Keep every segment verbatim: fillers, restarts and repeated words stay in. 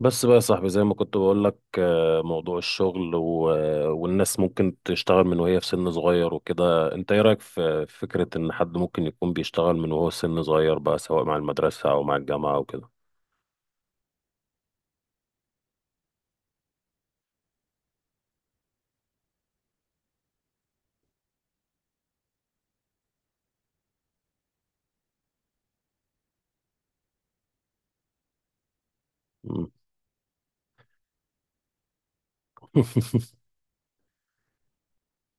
بس بقى يا صاحبي، زي ما كنت بقول لك، آه، موضوع الشغل و- آه، والناس ممكن تشتغل من وهي في سن صغير وكده. انت ايه رايك في في فكرة ان حد ممكن يكون بيشتغل من وهو سن صغير بقى، سواء مع المدرسة او مع الجامعة او كده؟ مم.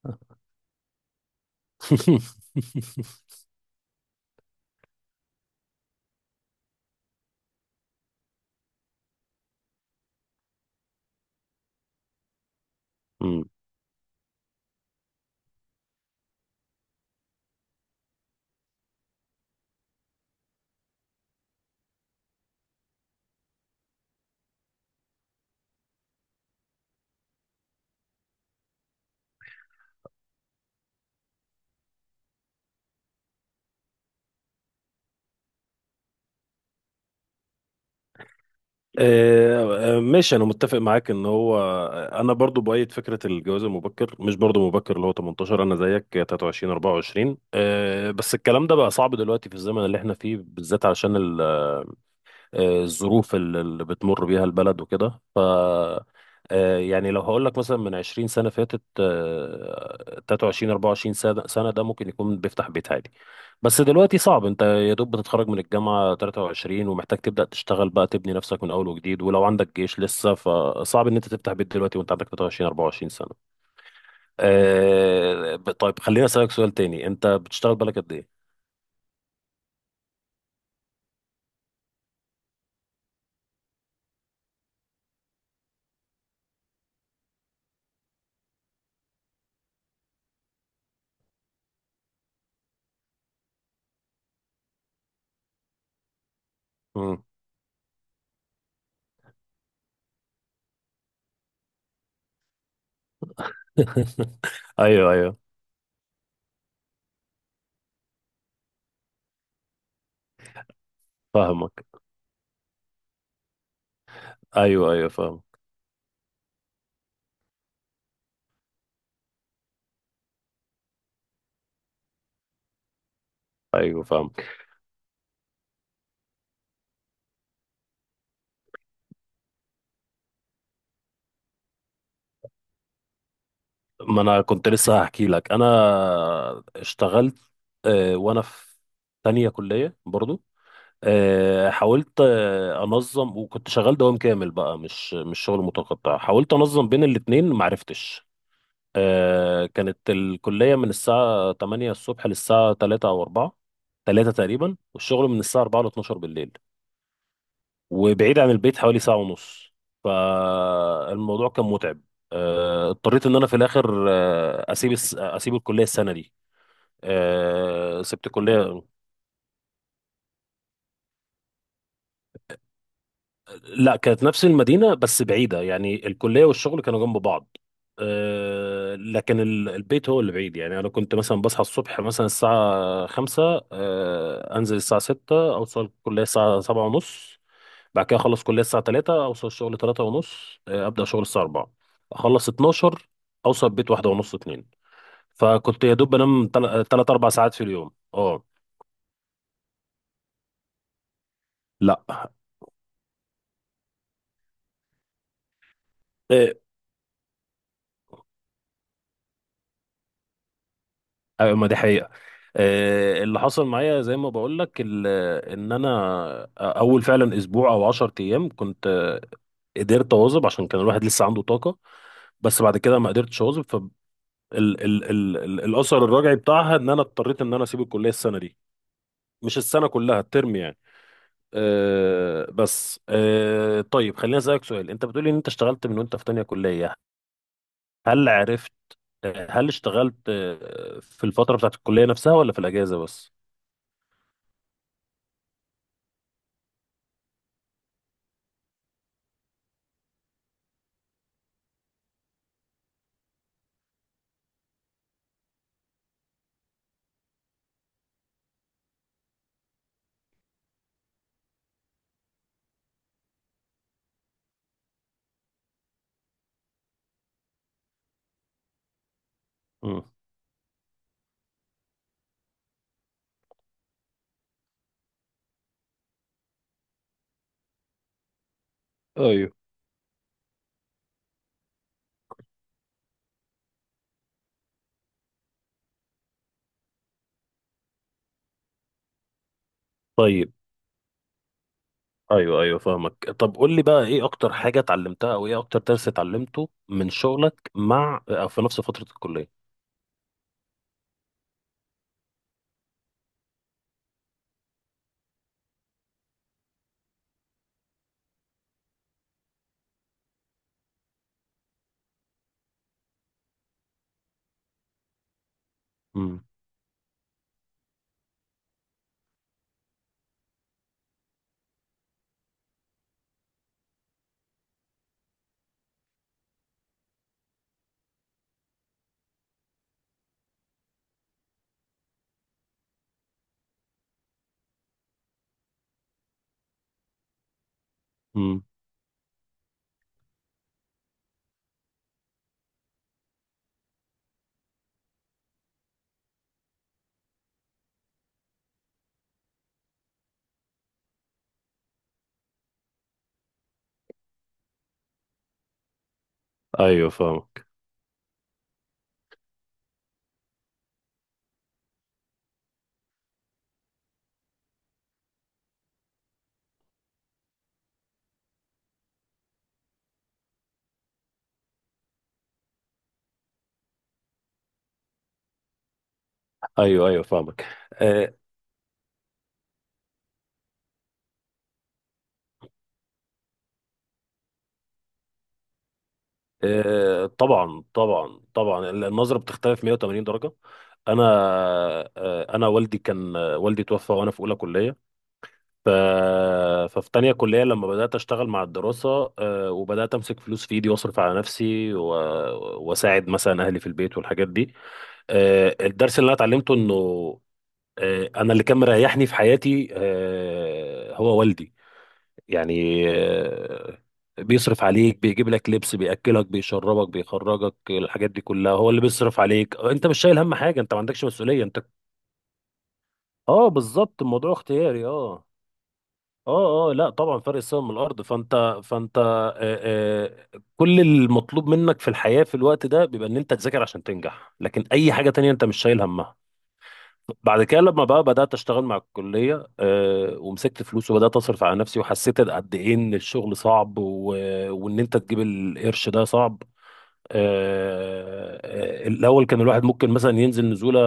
مم. آه، آه، ماشي، انا متفق معاك ان هو. انا برضو بأيد فكرة الجواز المبكر، مش برضو مبكر اللي هو تمنتاشر، انا زيك تلاتة وعشرين اربعة وعشرين. آه، بس الكلام ده بقى صعب دلوقتي في الزمن اللي احنا فيه بالذات، عشان ال آه، الظروف ال- اللي بتمر بيها البلد وكده. ف آه، يعني لو هقول لك مثلا من عشرين سنة فاتت، آه، تلاتة وعشرين اربعة وعشرين سنة سنة ده ممكن يكون بيفتح بيت عادي. بس دلوقتي صعب، انت يا دوب بتتخرج من الجامعة تلاتة وعشرين ومحتاج تبدأ تشتغل بقى، تبني نفسك من اول وجديد، ولو عندك جيش لسه فصعب ان انت تفتح بيت دلوقتي وانت عندك تلاتة وعشرين اربعة وعشرين سنة. آه، ب- طيب، خليني أسألك سؤال تاني، انت بتشتغل بالك قد ايه؟ مم. ايوه، ايوه، فاهمك. ايوه، ايوه، فاهم. ايوه، فاهم. ما انا كنت لسه هحكي لك. انا اشتغلت آه، وانا في تانية كلية برضو. آه، حاولت آه، انظم، وكنت شغال دوام كامل بقى، مش مش شغل متقطع. حاولت انظم بين الاتنين معرفتش. آه، كانت الكلية من الساعة تمانية الصبح للساعة تلاتة او اربعة، تلاتة تقريبا، والشغل من الساعة اربعة ل اتناشر بالليل، وبعيد عن البيت حوالي ساعة ونص. فالموضوع كان متعب. آه، اضطريت ان انا في الاخر آه، اسيب الس- اسيب الكلية السنة دي. آه، سبت الكلية. لا، كانت نفس المدينة بس بعيدة يعني، الكلية والشغل كانوا جنب بعض. آه، لكن ال- البيت هو اللي بعيد يعني. أنا كنت مثلا بصحى الصبح مثلا الساعة خمسة، آه، أنزل الساعة ستة، أوصل الكلية الساعة سبعة ونص. بعد كده اخلص كليه الساعه تلاتة، اوصل الشغل تلاتة ونص، آه، ابدا شغل الساعه اربعة، اخلص اثنا عشر، اوصل البيت واحدة ونص اتنين. فكنت يا دوب بنام تلاتة اربعة ساعات في اليوم. اه. لا. آه، آه، ما دي حقيقه. آه، اللي حصل معايا زي ما بقول لك، ال- ان انا اول فعلا اسبوع او عشرة ايام كنت آه، قدرت اواظب عشان كان الواحد لسه عنده طاقه. بس بعد كده ما قدرتش اواظب. فال ال ال ال الاثر الراجعي بتاعها ان انا اضطريت ان انا اسيب الكليه السنه دي، مش السنه كلها، الترم يعني. أه بس أه طيب، خليني اسالك سؤال، انت بتقولي ان انت اشتغلت من وانت في تانية كلية. هل عرفت هل اشتغلت أه، في الفترة بتاعت الكلية نفسها، ولا في الاجازة بس؟ مم. ايوه، طيب. ايوه، ايوه، فاهمك. طب قول لي بقى، ايه اكتر حاجة اتعلمتها، او ايه اكتر درس اتعلمته من شغلك مع أو في نفس فترة الكلية؟ امم. امم. ايوه، فاهمك. ايوه، ايوه، فاهمك. آه، طبعا، طبعا، طبعا، النظرة بتختلف مية وتمانين درجة. انا آه، انا والدي كان، آه، والدي توفى وانا في اولى كلية. ف... ففي تانية كلية لما بدأت اشتغل مع الدراسة، آه، وبدأت امسك فلوس في ايدي واصرف على نفسي و... واساعد مثلا اهلي في البيت والحاجات دي. آه، الدرس اللي انا اتعلمته انه آه، انا اللي كان مريحني في حياتي آه، هو والدي. يعني آه، بيصرف عليك، بيجيب لك لبس، بياكلك، بيشربك، بيخرجك، الحاجات دي كلها هو اللي بيصرف عليك. آه، انت مش شايل هم حاجه، انت ما عندكش مسؤوليه انت. اه، بالظبط، الموضوع اختياري. اه. اه، اه. لا، طبعا، فرق السما من الارض. فانت فانت آه آه كل المطلوب منك في الحياه في الوقت ده بيبقى ان انت تذاكر عشان تنجح، لكن اي حاجه تانية انت مش شايل همها. بعد كده لما بقى بدأت أشتغل مع الكلية، آه، ومسكت فلوس وبدأت أصرف على نفسي، وحسيت قد إيه إن الشغل صعب و... وإن أنت تجيب القرش ده صعب. آه، آه، الأول كان الواحد ممكن مثلا ينزل نزولة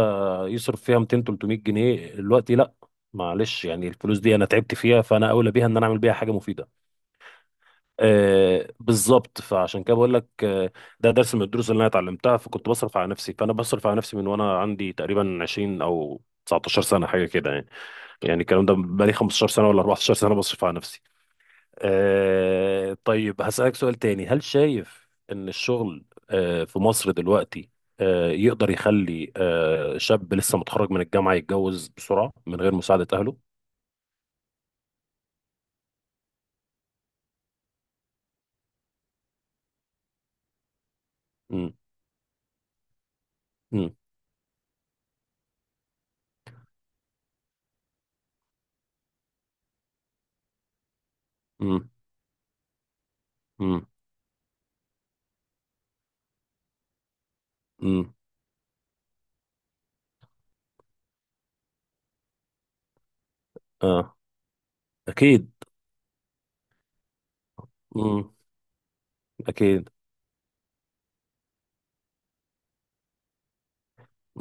يصرف فيها ميتين تلتمية جنيه. دلوقتي لأ، معلش، يعني الفلوس دي أنا تعبت فيها، فأنا أولى بيها إن أنا أعمل بيها حاجة مفيدة. آه بالظبط، فعشان كده بقول لك، آه ده درس من الدروس اللي انا اتعلمتها. فكنت بصرف على نفسي، فانا بصرف على نفسي من وانا عندي تقريبا عشرين او تسعة عشر سنه، حاجه كده يعني. يعني الكلام ده بقالي خمسة عشر سنه ولا اربعة عشر سنه بصرف على نفسي. آه طيب، هسألك سؤال تاني. هل شايف ان الشغل آه في مصر دلوقتي آه يقدر يخلي آه شاب لسه متخرج من الجامعه يتجوز بسرعه من غير مساعده اهله؟ امم. امم. امم. امم. اه، اكيد. امم. اكيد.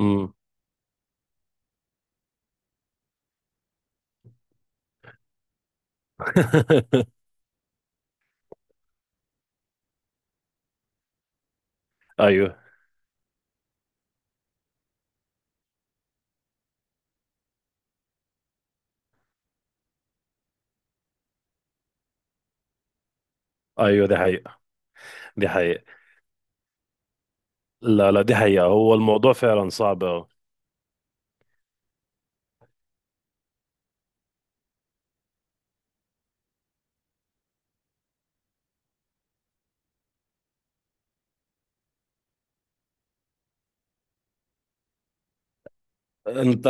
امم. ايوه، ايوه. دي حقيقة. دي حقيقة. لا، لا، دي حقيقة. هو الموضوع فعلا صعب اهو. انت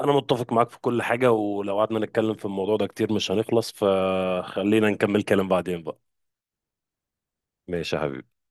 انا متفق معاك في كل حاجة، ولو قعدنا نتكلم في الموضوع ده كتير مش هنخلص، فخلينا نكمل كلام بعدين بقى. ماشي يا حبيبي.